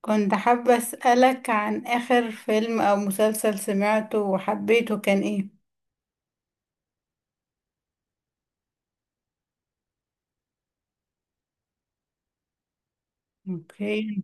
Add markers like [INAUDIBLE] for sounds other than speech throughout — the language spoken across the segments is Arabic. كنت حابة أسألك عن آخر فيلم أو مسلسل سمعته وحبيته كان إيه؟ أوكي.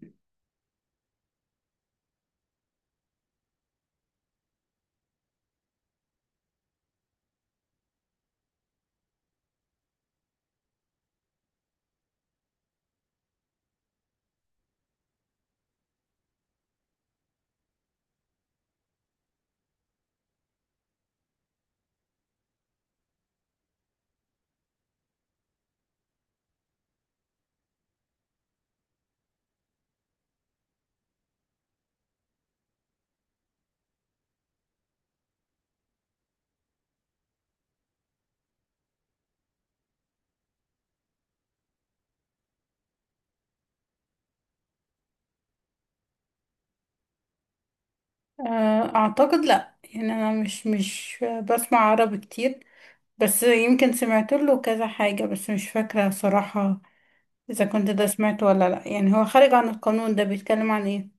أعتقد لأ. يعني أنا مش بسمع عربي كتير، بس يمكن سمعت له كذا حاجة، بس مش فاكرة صراحة إذا كنت ده سمعته ولا لأ. يعني هو خارج عن القانون ده بيتكلم عن إيه؟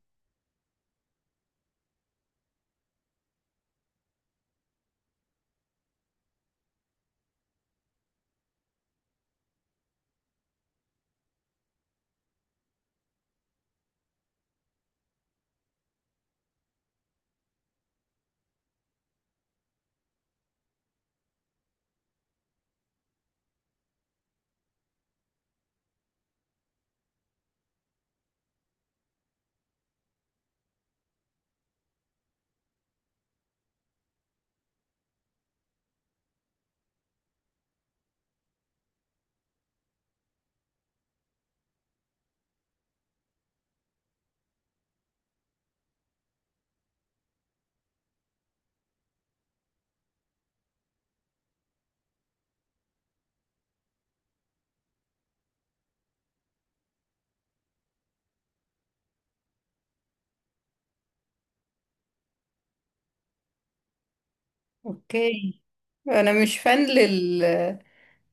أوكي. أنا مش فان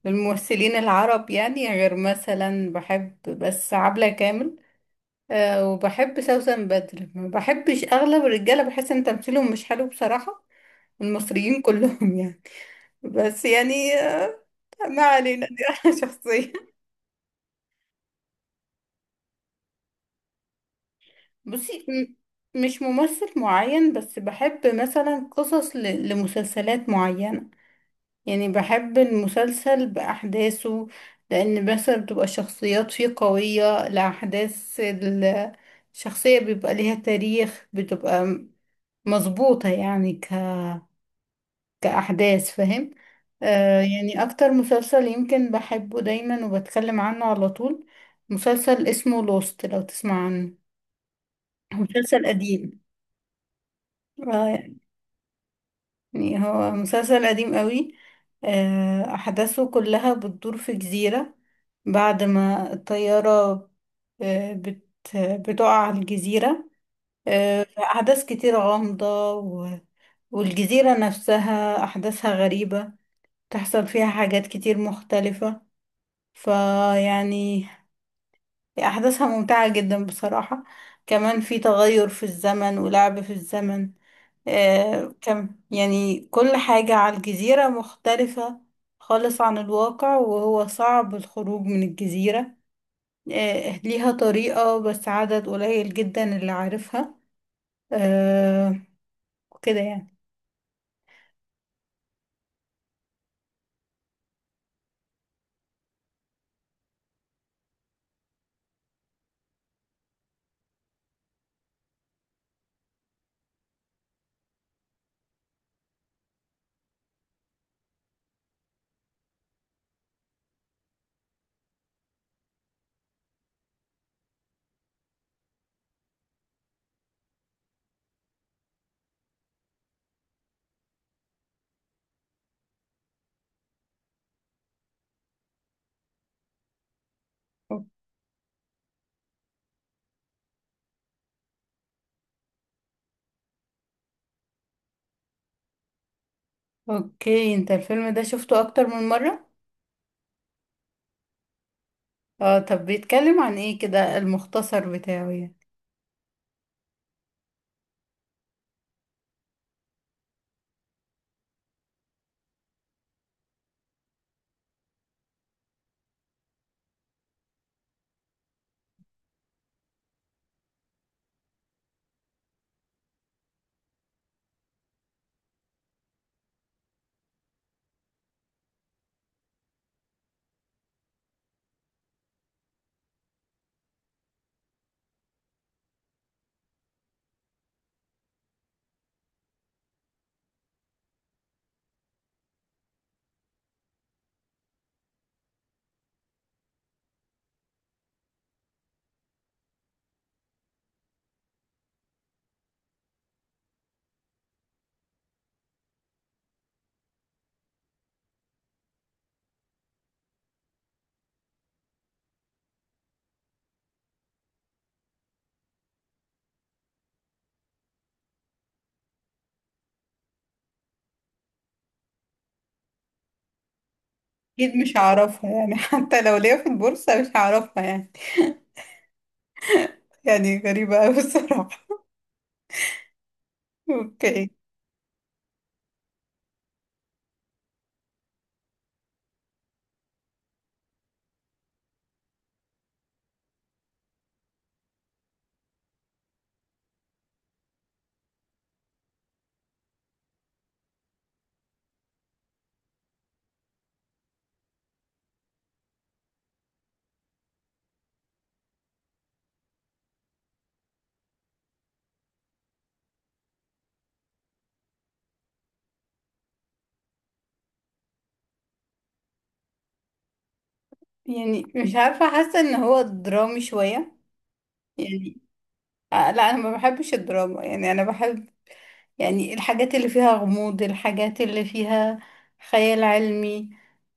للممثلين العرب يعني، غير مثلا بحب بس عبلة كامل، آه، وبحب سوسن بدر. ما بحبش اغلب الرجاله، بحس ان تمثيلهم مش حلو بصراحه، المصريين كلهم يعني. بس يعني ما علينا دي [LAUGHS] أنا شخصيه. بصي، مش ممثل معين، بس بحب مثلا قصص لمسلسلات معينه. يعني بحب المسلسل باحداثه، لان مثلا بتبقى الشخصيات فيه قويه، الاحداث، الشخصيه بيبقى ليها تاريخ، بتبقى مظبوطه يعني كأحداث، فاهم؟ يعني أكتر مسلسل يمكن بحبه دايما وبتكلم عنه على طول، مسلسل اسمه لوست، لو تسمع عنه. هو مسلسل قديم، آه، يعني هو مسلسل قديم قوي. آه، أحداثه كلها بتدور في جزيرة، بعد ما الطيارة آه، بت بتقع على الجزيرة. أحداث كتير غامضة والجزيرة نفسها أحداثها غريبة، تحصل فيها حاجات كتير مختلفة. فيعني أحداثها ممتعة جدا بصراحة. كمان في تغير في الزمن ولعب في الزمن. آه كم، يعني كل حاجة على الجزيرة مختلفة خالص عن الواقع، وهو صعب الخروج من الجزيرة. آه، ليها طريقة، بس عدد قليل جدا اللي عارفها. آه، كده يعني. اوكي، انت الفيلم ده شفته اكتر من مرة؟ اه، طب بيتكلم عن ايه كده، المختصر بتاعه يعني؟ اكيد مش هعرفها يعني [LAUGHS] حتى لو ليا في البورصة مش هعرفها يعني [LAUGHS] يعني غريبة اوي الصراحة. اوكي. يعني مش عارفة، حاسة ان هو درامي شوية يعني. لا انا ما بحبش الدراما يعني، انا بحب يعني الحاجات اللي فيها غموض، الحاجات اللي فيها خيال علمي،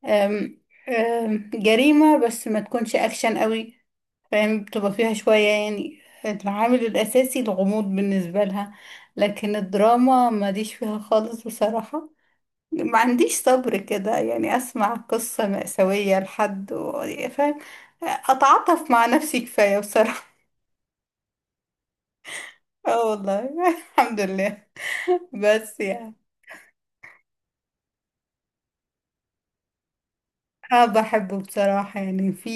أم أم جريمة، بس ما تكونش اكشن قوي. فاهم؟ بتبقى فيها شوية يعني العامل الاساسي الغموض بالنسبة لها. لكن الدراما ماليش فيها خالص بصراحة، ما عنديش صبر كده يعني اسمع قصة مأساوية لحد فاهم؟ اتعاطف مع نفسي كفاية بصراحة. اه والله [LAUGHS] الحمد لله. بس يعني انا بحبه بصراحة. يعني في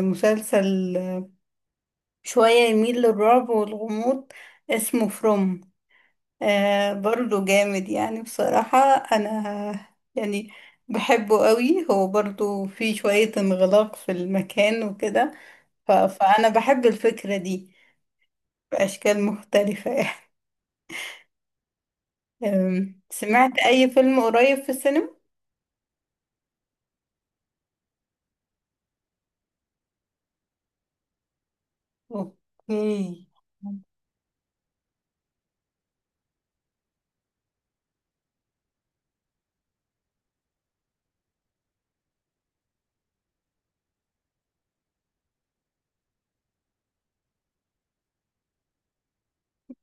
مسلسل شوية يميل للرعب والغموض اسمه فروم، آه، برضو جامد يعني بصراحة. انا يعني بحبه قوي، هو برضو في شوية انغلاق في المكان وكده. فانا بحب الفكرة دي بأشكال مختلفة يعني. سمعت أي فيلم قريب في السينما؟ أوكي.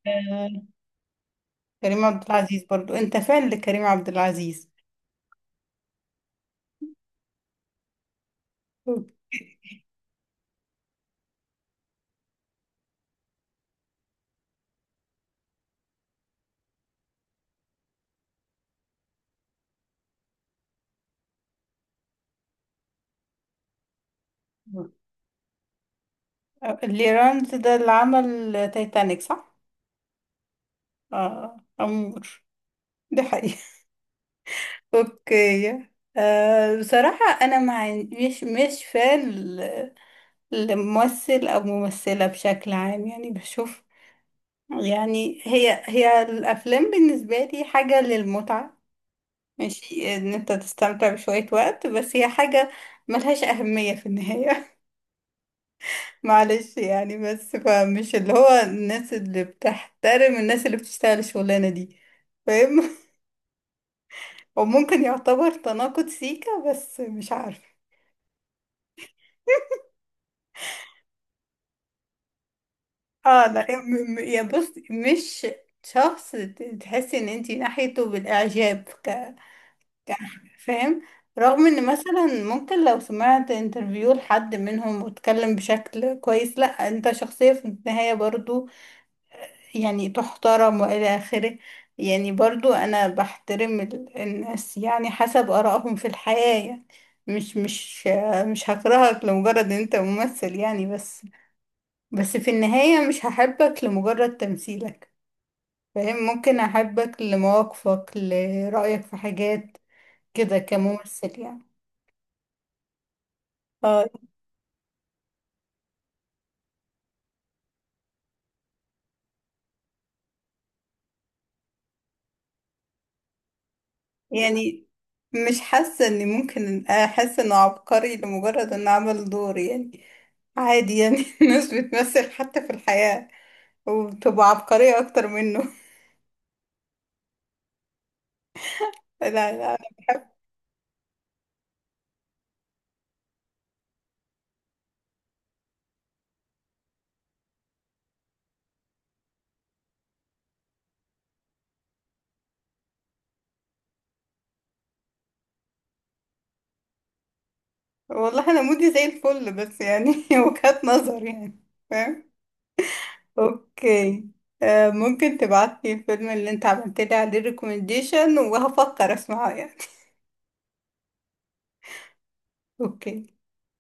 أه، كريم عبد العزيز برضو؟ أنت فان لكريم عبد العزيز؟ أوكي. أه، ليرانز ده اللي عمل تايتانيك، صح؟ آه، أمور. دي حقيقة [LAUGHS] أوكي. أه بصراحة، أنا مع مش فان لممثل أو ممثلة بشكل عام. يعني بشوف، يعني هي الأفلام بالنسبة لي حاجة للمتعة. ماشي ان انت تستمتع بشوية وقت، بس هي حاجة ملهاش أهمية في النهاية [LAUGHS] معلش يعني. بس فمش اللي هو الناس اللي بتحترم الناس اللي بتشتغل الشغلانة دي، فاهم؟ [LAUGHS] وممكن يعتبر تناقض سيكا، بس مش عارفة [LAUGHS] اه لا، يا بص، مش شخص تحسي ان انتي ناحيته بالاعجاب، فاهم؟ رغم ان مثلا ممكن لو سمعت انترفيو لحد منهم واتكلم بشكل كويس، لا انت شخصية في النهاية برضو يعني، تحترم والى اخره. يعني برضو انا بحترم الناس يعني حسب ارائهم في الحياة يعني. مش مش مش هكرهك لمجرد ان انت ممثل يعني، بس بس في النهاية مش هحبك لمجرد تمثيلك. فاهم؟ ممكن احبك لمواقفك، لرأيك في حاجات كده، كممثل يعني. آه، يعني مش حاسة اني ممكن احس انه عبقري لمجرد انه عمل دور يعني. عادي يعني [LAUGHS] الناس بتمثل حتى في الحياة وبتبقى عبقرية اكتر منه [LAUGHS] لا لا. والله انا مودي زي الفل، بس يعني [LAUGHS] وجهات نظر يعني. فاهم؟ اوكي. آه، ممكن تبعتلي الفيلم اللي انت عملت لي عليه ريكومنديشن، وهفكر اسمعه يعني. اوكي.